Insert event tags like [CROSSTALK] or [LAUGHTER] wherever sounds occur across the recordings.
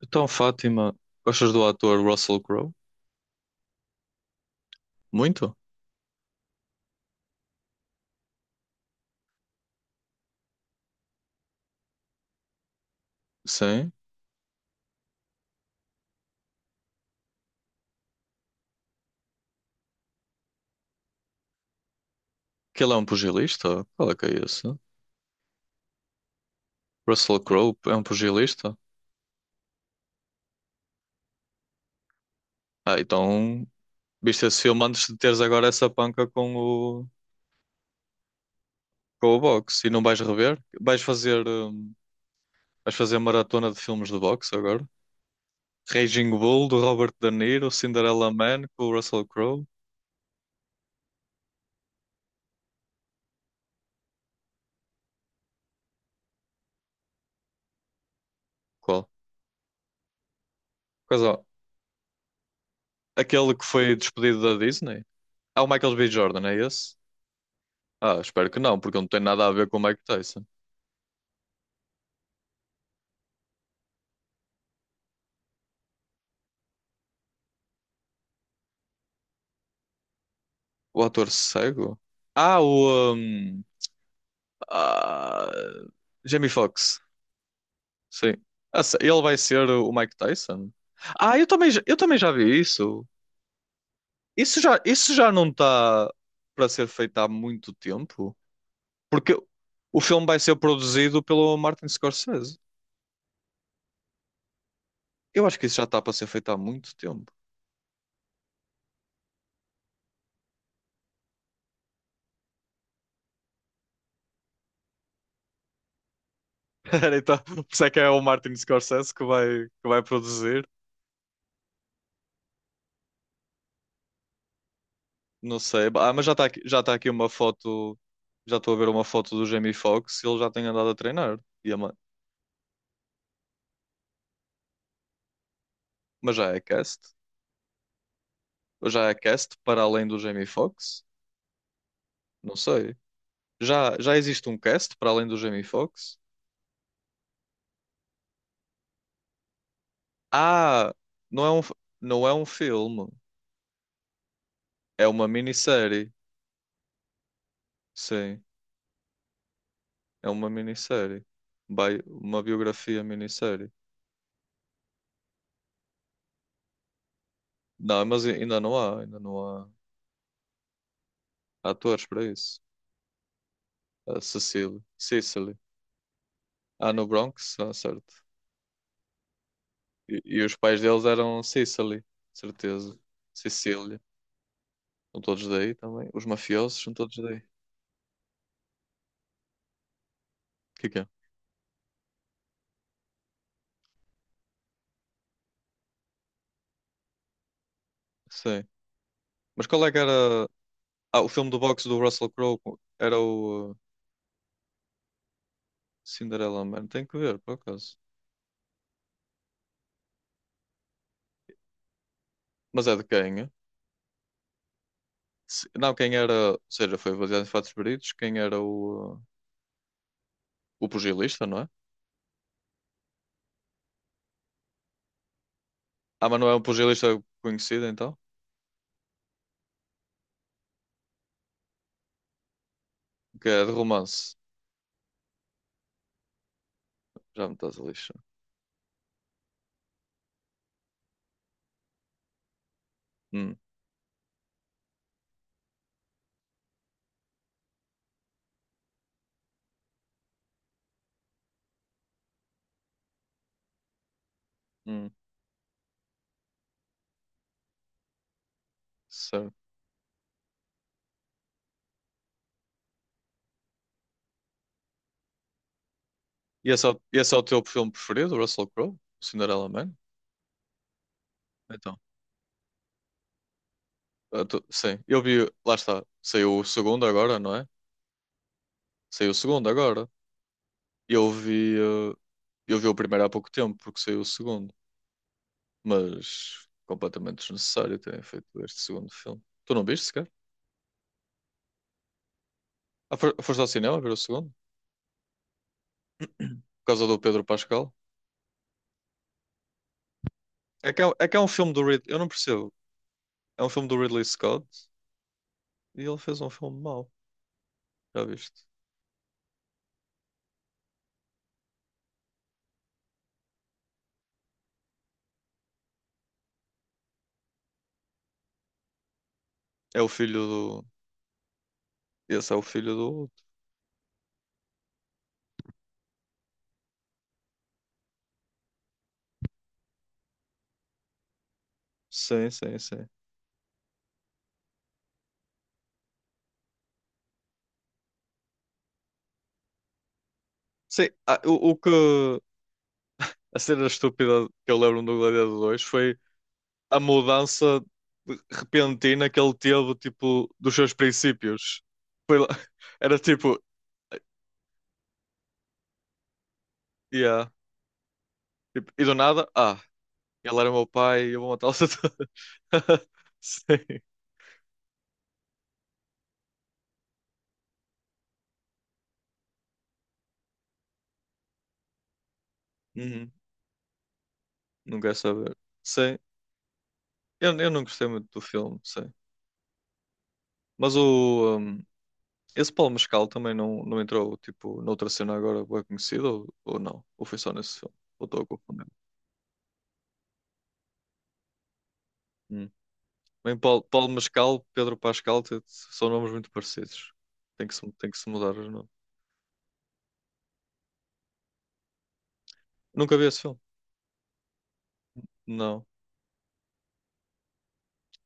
Então, Fátima, gostas do ator Russell Crowe? Muito? Sim. Que ele é um pugilista? Qual é que é isso? Russell Crowe é um pugilista? Ah, então viste esse filme antes de teres agora essa panca com com o boxe e não vais rever? Vais fazer maratona de filmes de boxe agora? Raging Bull, do Robert De Niro, Cinderella Man, com o Russell Crowe? Qual? Coisa, aquele que foi despedido da Disney? Ah, o Michael B. Jordan, é esse? Ah, espero que não, porque não tem nada a ver com o Mike Tyson. O ator cego? Ah, o. hum, ah, Jamie Foxx. Sim. Ah, Ele vai ser o Mike Tyson? Ah, eu também, eu também já vi isso. Isso já não está para ser feito há muito tempo. Porque o filme vai ser produzido pelo Martin Scorsese. Eu acho que isso já está para ser feito há muito tempo. [LAUGHS] Então, se é que é o Martin Scorsese que vai produzir. Não sei. Ah, mas já está aqui uma foto. Já estou a ver uma foto do Jamie Foxx. Ele já tem andado a treinar. E mas já é cast? Já é cast para além do Jamie Foxx? Não sei. Já existe um cast para além do Jamie Foxx? Ah, não é um, f- não é um filme. É uma minissérie. Sim, é uma minissérie. Uma biografia minissérie. Não, mas ainda não há. Ainda não há atores para isso. A Cecily. Cecily. Ah, no Bronx? Ah, certo. E os pais deles eram Sicily, certeza. Sicília. São todos daí também. Os mafiosos são todos daí. O que é? Sei. Mas qual é que era... Ah, o filme do boxe do Russell Crowe era o Cinderella Man. Tem que ver, por acaso. Mas é de quem? É? Não, quem era... Ou seja, foi baseado em fatos verídicos. Quem era o pugilista, não é? Ah, mas não é um pugilista conhecido, então? Que é de romance. Já me estás a lixar. Hum, hum, certo. E esse é, esse é o teu filme preferido, o Russell Crowe? O Cinderella Man? Então, sim, eu vi, lá está, saiu o segundo agora, não é? Saiu o segundo agora. Eu vi, eu vi o primeiro há pouco tempo, porque saiu o segundo, mas completamente desnecessário terem feito este segundo filme. Tu não viste sequer? Ah, Foste ao cinema ver o segundo? Por causa do Pedro Pascal? É que é um filme do Ridley, eu não percebo. É um filme do Ridley Scott e ele fez um filme mau, já viste? É o filho do. Esse é o filho do outro. Sim, sim, sim. Sim, ah, o que. A cena estúpida que eu lembro do Gladiador 2 foi a mudança repentina que ele teve, tipo, dos seus princípios. Foi lá- [LAUGHS] Era tipo, yeah. Tipo, e do nada, ah, ele era meu pai e eu vou matá-los a todos. [LAUGHS] Sim. Uhum. Não quero saber. Sim. Eu não gostei muito do filme, sim. Mas o. um, esse Paulo Mescal também não, não entrou, tipo, noutra cena agora bem conhecida ou não? Ou foi só nesse filme? Ou estou a confundir? Bem, Paulo, Paulo Mascal, Pedro Pascal, são nomes muito parecidos. Tem que se mudar os nomes. Nunca vi esse filme? Não.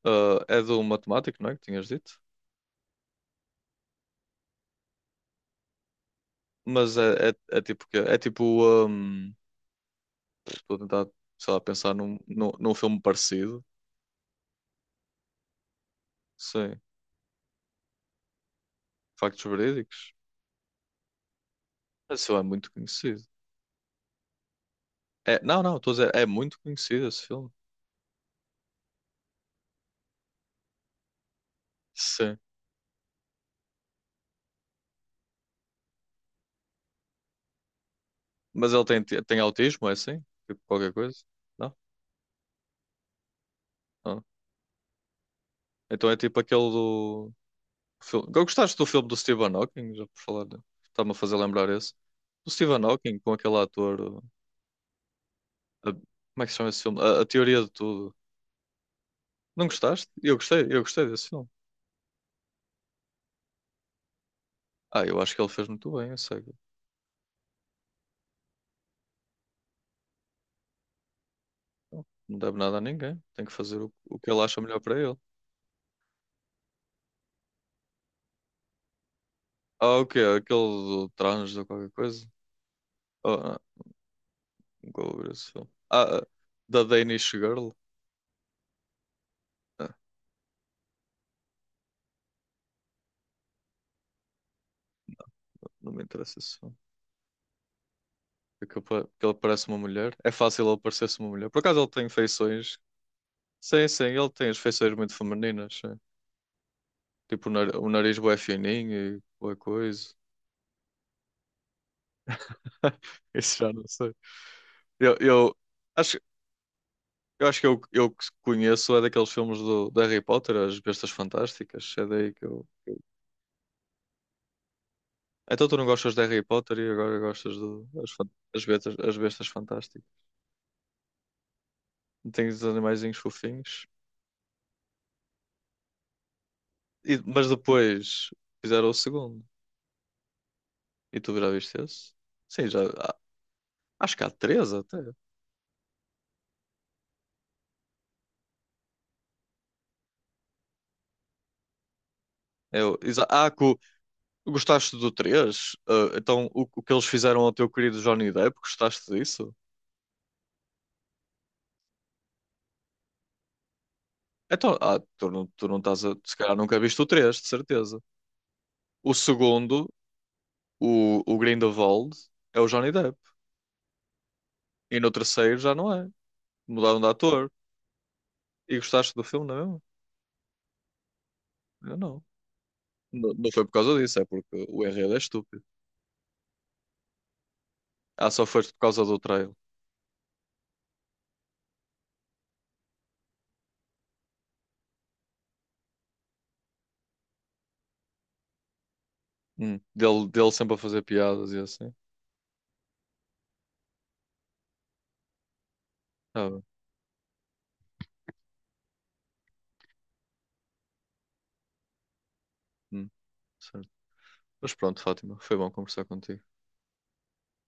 Ah, é do matemático, não é? Que tinhas dito? Mas é, é, é tipo que é tipo. hum, Estou a tentar, sei lá, pensar num filme parecido. Sim. Factos verídicos. Esse filme é muito conhecido. É, não, não, estou a dizer, é muito conhecido esse filme. Sim. Mas ele tem, tem autismo, é assim? Tipo qualquer coisa? Não? Ah. Então é tipo aquele do. Gostaste do filme do Stephen Hawking? Já por falar, está-me a fazer lembrar esse. Do Stephen Hawking com aquele ator. Como é que se chama esse filme? A Teoria de Tudo. Não gostaste? Eu gostei desse filme. Ah, eu acho que ele fez muito bem, eu sei. Não deve nada a ninguém. Tem que fazer o que ele acha melhor para ele. Ah, o quê? Aquele do trans ou qualquer coisa? Oh, não, nunca ouvi esse filme. Da Danish Girl? Ah, não me interessa esse filme. Porque porque ele parece uma mulher. É fácil ele parecer-se uma mulher. Por acaso ele tem feições Sim, sim, ele tem as feições muito femininas, sim. Tipo, o nariz bué fininho e boa coisa. [LAUGHS] Isso já não sei. Eu, eu acho, eu acho que eu que conheço é daqueles filmes do, de Harry Potter, As Bestas Fantásticas. É daí que eu. Então tu não gostas de Harry Potter e agora gostas das as bestas fantásticas. Tens os animaizinhos fofinhos. E- mas depois fizeram o segundo. E tu já viste esse? Sim, acho que há três até. Eu, Gostaste do 3? Ah, então, o que eles fizeram ao teu querido Johnny Depp, gostaste disso? Então, ah, tu não estás a. Se calhar nunca viste o 3, de certeza. O segundo, o Grindelwald, é o Johnny Depp. E no terceiro já não é. Mudaram de ator. E gostaste do filme, não é mesmo? Eu não. Não, não foi por causa disso, é porque o enredo é estúpido. Ah, só foste por causa do trailer. Dele, dele sempre a fazer piadas e assim. Ah, bem. Hum, certo. Mas pronto, Fátima, foi bom conversar contigo.